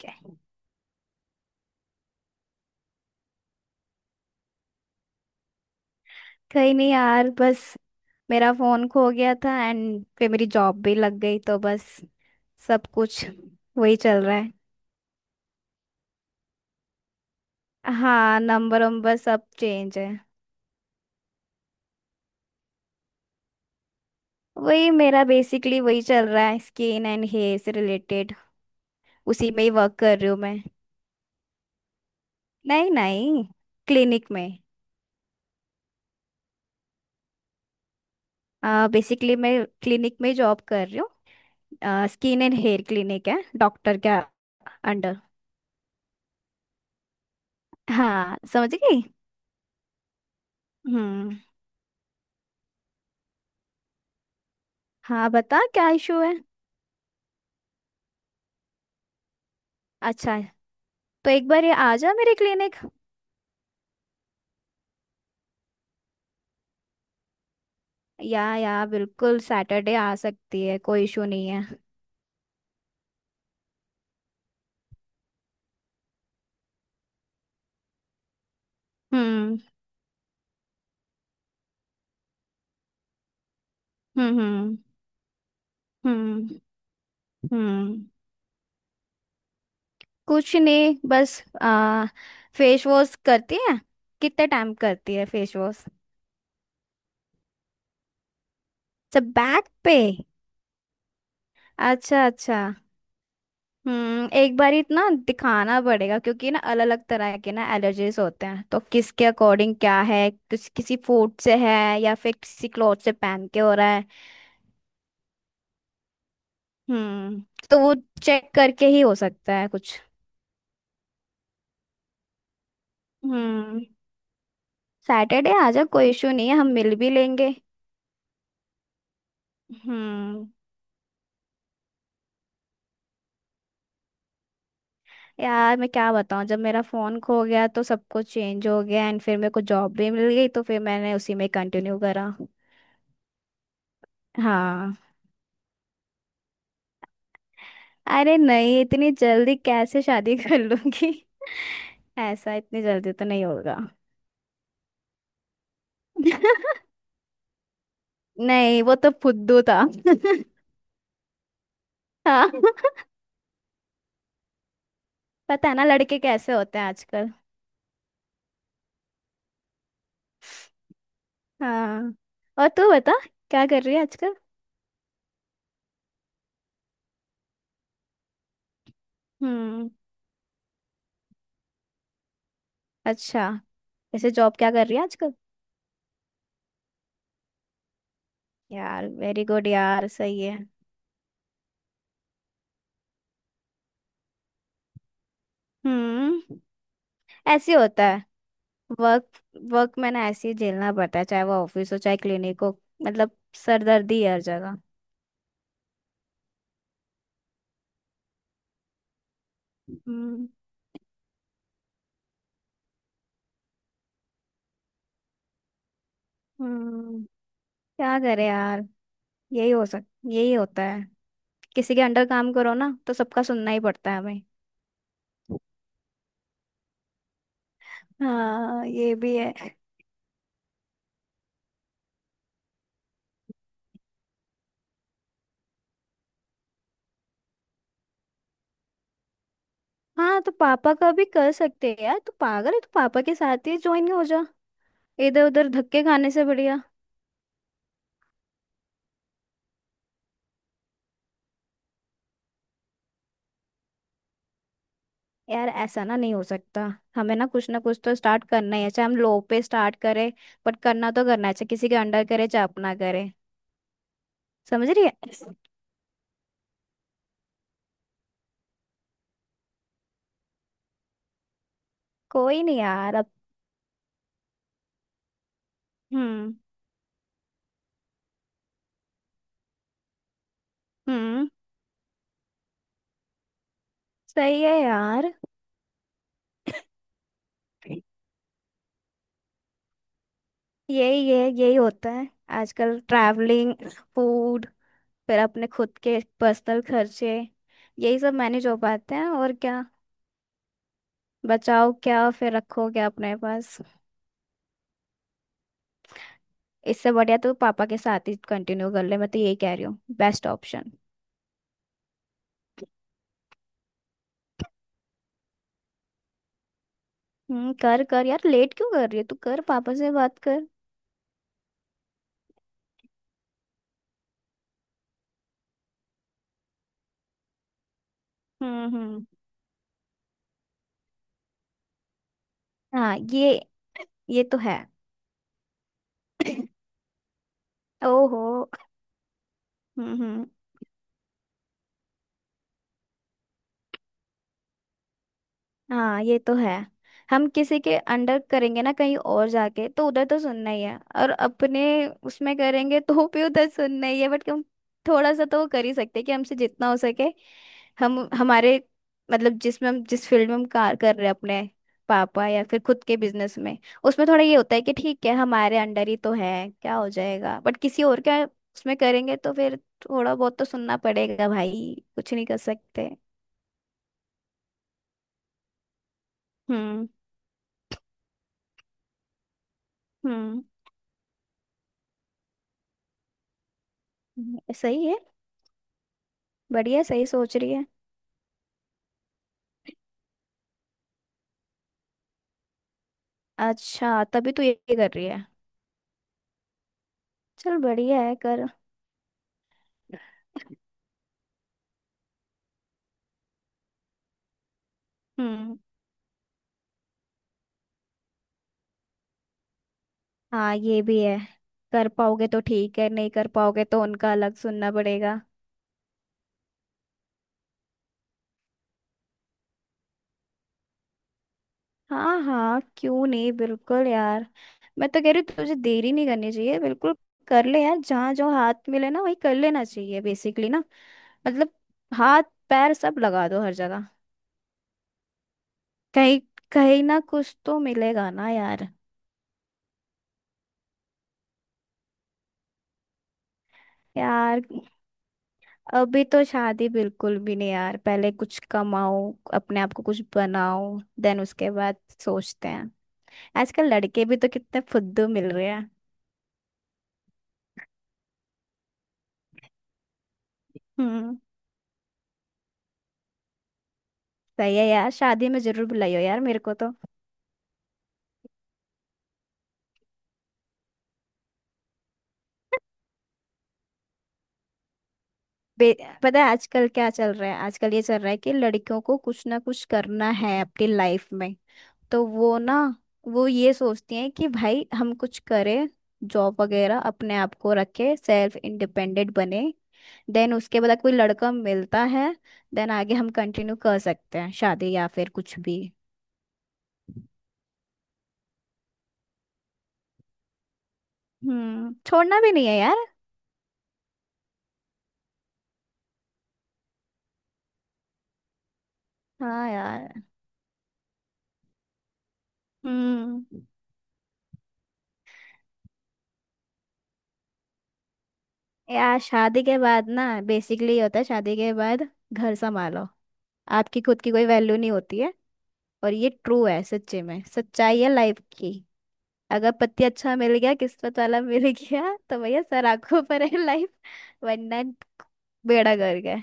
क्या- कहीं नहीं यार बस। मेरा फोन खो गया था एंड फिर मेरी जॉब भी लग गई तो बस सब कुछ वही चल रहा है। हाँ, नंबर वंबर सब चेंज है। वही, मेरा बेसिकली वही चल रहा है, स्किन एंड हेयर से रिलेटेड। उसी में ही वर्क कर रही हूँ मैं। नहीं नहीं। क्लिनिक में। बेसिकली मैं क्लिनिक में जॉब कर रही हूँ। स्किन एंड हेयर क्लिनिक है डॉक्टर के अंडर। हाँ समझ गई। हम्म। हाँ, बता क्या इशू है। अच्छा। तो एक बार ये आ जा मेरे क्लिनिक। या, बिल्कुल सैटरडे आ सकती है, कोई इशू नहीं है। हम्म, हम्म, हम्म, हम्म, हम्म। कुछ नहीं बस फेस वॉश करती है। कितने टाइम करती है फेस वॉश? अच्छा, बैक पे। अच्छा अच्छा। हम्म, एक बार इतना दिखाना पड़ेगा क्योंकि ना अलग अलग तरह के ना एलर्जीज होते हैं तो किसके अकॉर्डिंग क्या है, किसी फूड से है या फिर किसी क्लॉथ से पहन के हो रहा है। हम्म। तो वो चेक करके ही हो सकता है कुछ। हम्म। सैटरडे आ जा, कोई इशू नहीं है, हम मिल भी लेंगे। हम्म। यार मैं क्या बताऊं, जब मेरा फोन खो गया तो सब कुछ चेंज हो गया एंड फिर मेरे को जॉब भी मिल गई तो फिर मैंने उसी में कंटिन्यू करा। हाँ। अरे नहीं, इतनी जल्दी कैसे शादी कर लूंगी। ऐसा इतनी जल्दी तो नहीं होगा। नहीं, वो तो फुद्दू था। हाँ। पता है ना लड़के कैसे होते हैं आजकल। हाँ। और तू बता, क्या कर रही है आजकल। हम्म। अच्छा। ऐसे जॉब क्या कर रही है आजकल? यार वेरी गुड यार, सही है। हम्म। ऐसे होता है। वर्क वर्क में ना ऐसे ही झेलना पड़ता है, चाहे वो ऑफिस हो चाहे क्लिनिक हो। मतलब सरदर्दी है हर जगह। हम्म, हम्म। क्या करे यार। यही हो सक यही होता है। किसी के अंडर काम करो ना तो सबका सुनना ही पड़ता है हमें। हाँ ये भी है। हाँ, तो पापा का भी कर सकते हैं यार, तू पागल है, तू पापा के साथ ही ज्वाइन हो जा। इधर उधर धक्के खाने से बढ़िया। यार ऐसा ना, नहीं हो सकता। हमें ना कुछ तो स्टार्ट करना ही है, चाहे हम लो पे स्टार्ट करें। बट करना तो करना है, चाहे किसी के अंडर करे चाहे अपना करे। समझ रही है। कोई नहीं यार अब। हम्म, हम्म। सही है यार। यही है, यही होता है आजकल। ट्रैवलिंग, फूड, फिर अपने खुद के पर्सनल खर्चे, यही सब मैनेज हो पाते हैं, और क्या। बचाओ क्या फिर, रखो क्या अपने पास। इससे बढ़िया तो पापा के साथ ही कंटिन्यू कर ले, मैं तो यही कह रही हूँ, बेस्ट ऑप्शन। हम्म, कर कर यार, लेट क्यों कर रही है तू, कर, पापा से बात कर। हम्म, हम्म। हाँ, ये तो है। ओहो। हम्म, हम्म। हाँ ये तो है। हम किसी के अंडर करेंगे ना, कहीं और जाके तो उधर तो सुनना ही है, और अपने उसमें करेंगे तो भी उधर सुनना ही है। बट हम थोड़ा सा तो वो कर ही सकते हैं कि हमसे जितना हो सके। हम हमारे मतलब, जिसमें हम जिस फील्ड में हम कार कर रहे हैं अपने पापा या फिर खुद के बिजनेस में। उसमें थोड़ा ये होता है कि ठीक है, हमारे अंडर ही तो है, क्या हो जाएगा। बट किसी और के उसमें करेंगे तो फिर थोड़ा बहुत तो सुनना पड़ेगा भाई, कुछ नहीं कर सकते। हम्म, हम्म। सही है, बढ़िया, सही सोच रही है। अच्छा तभी तो ये कर रही है। चल बढ़िया है, कर। हम्म। हाँ ये भी है। कर पाओगे तो ठीक है, नहीं कर पाओगे तो उनका अलग सुनना पड़ेगा। हाँ हाँ क्यों नहीं, बिल्कुल यार। मैं तो कह रही हूँ तुझे देरी नहीं करनी चाहिए बिल्कुल। कर ले यार, जहाँ जो हाथ मिले ना वही कर लेना चाहिए बेसिकली ना। मतलब हाथ पैर सब लगा दो हर जगह। कहीं कहीं ना कुछ तो मिलेगा ना यार। यार अभी तो शादी बिल्कुल भी नहीं यार, पहले कुछ कमाओ, अपने आप को कुछ बनाओ, देन उसके बाद सोचते हैं। आजकल लड़के भी तो कितने फुद्दू मिल रहे हैं। हम्म। सही है यार, शादी में जरूर बुलाइयो यार, मेरे को तो। बे- पता है आजकल क्या चल रहा है? आजकल ये चल रहा है कि लड़कियों को कुछ ना कुछ करना है अपनी लाइफ में। तो वो ये सोचती हैं कि भाई हम कुछ करें, जॉब वगैरह, अपने आप को रखे, सेल्फ इंडिपेंडेंट बने। देन उसके बाद कोई लड़का मिलता है। देन आगे हम कंटिन्यू कर सकते हैं शादी या फिर कुछ भी। हम्म, छोड़ना भी नहीं है यार। हाँ यार। हम्म। यार शादी के बाद ना, बेसिकली ये होता है शादी के बाद घर संभालो, आपकी खुद की कोई वैल्यू नहीं होती है। और ये ट्रू है, सच्चे में सच्चाई है लाइफ की। अगर पति अच्छा मिल गया, किस्मत वाला मिल गया, तो भैया सर आंखों पर है लाइफ। वरना बेड़ा गर्क है।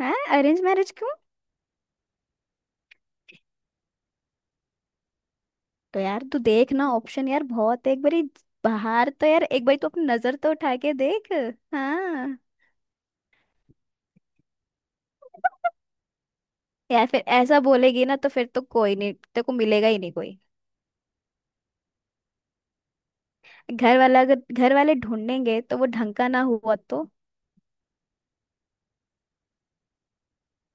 हैं, अरेंज मैरिज क्यों? तो यार तू देख ना, ऑप्शन यार बहुत है एक बारी। बाहर तो यार, एक बारी तू अपनी नजर तो उठा के देख। हाँ। यार फिर ऐसा बोलेगी ना तो फिर तो कोई नहीं, तेरे को मिलेगा ही नहीं कोई। घर वाला अगर घर वाले ढूंढेंगे तो वो ढंग का ना हुआ तो?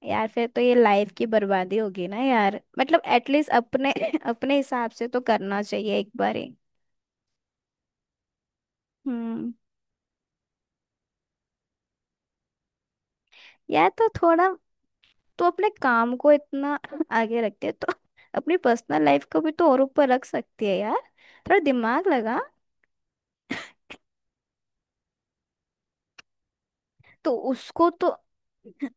यार फिर तो ये लाइफ की बर्बादी होगी ना यार, मतलब एटलीस्ट अपने अपने हिसाब से तो करना चाहिए एक बारी। हम्म। यार तो थोड़ा, तो अपने काम को इतना आगे रखते है तो अपनी पर्सनल लाइफ को भी तो और ऊपर रख सकती है यार। थोड़ा दिमाग लगा। तो उसको तो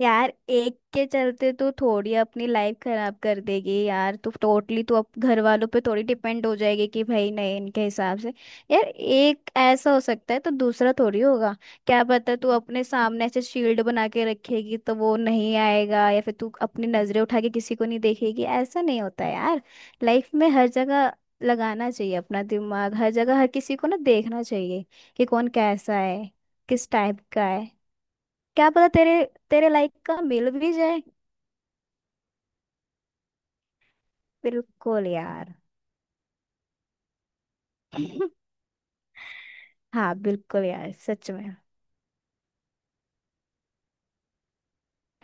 यार एक के चलते तो थोड़ी अपनी लाइफ खराब कर देगी यार, तो टोटली तो अब घर वालों पे थोड़ी डिपेंड हो जाएगी कि भाई नहीं इनके हिसाब से। यार एक ऐसा हो सकता है तो दूसरा थोड़ी होगा। क्या पता, तू अपने सामने ऐसे शील्ड बना के रखेगी तो वो नहीं आएगा, या फिर तू अपनी नजरें उठा के किसी को नहीं देखेगी, ऐसा नहीं होता यार। लाइफ में हर जगह लगाना चाहिए अपना दिमाग, हर जगह हर किसी को ना देखना चाहिए कि कौन कैसा है, किस टाइप का है। क्या पता तेरे तेरे लाइक का मिल भी जाए। बिल्कुल यार। हाँ बिल्कुल यार, सच में।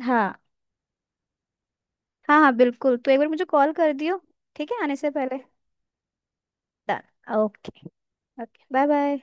हाँ हाँ हाँ बिल्कुल, तो एक बार मुझे कॉल कर दियो, ठीक है, आने से पहले। Done. Okay. Okay, bye bye.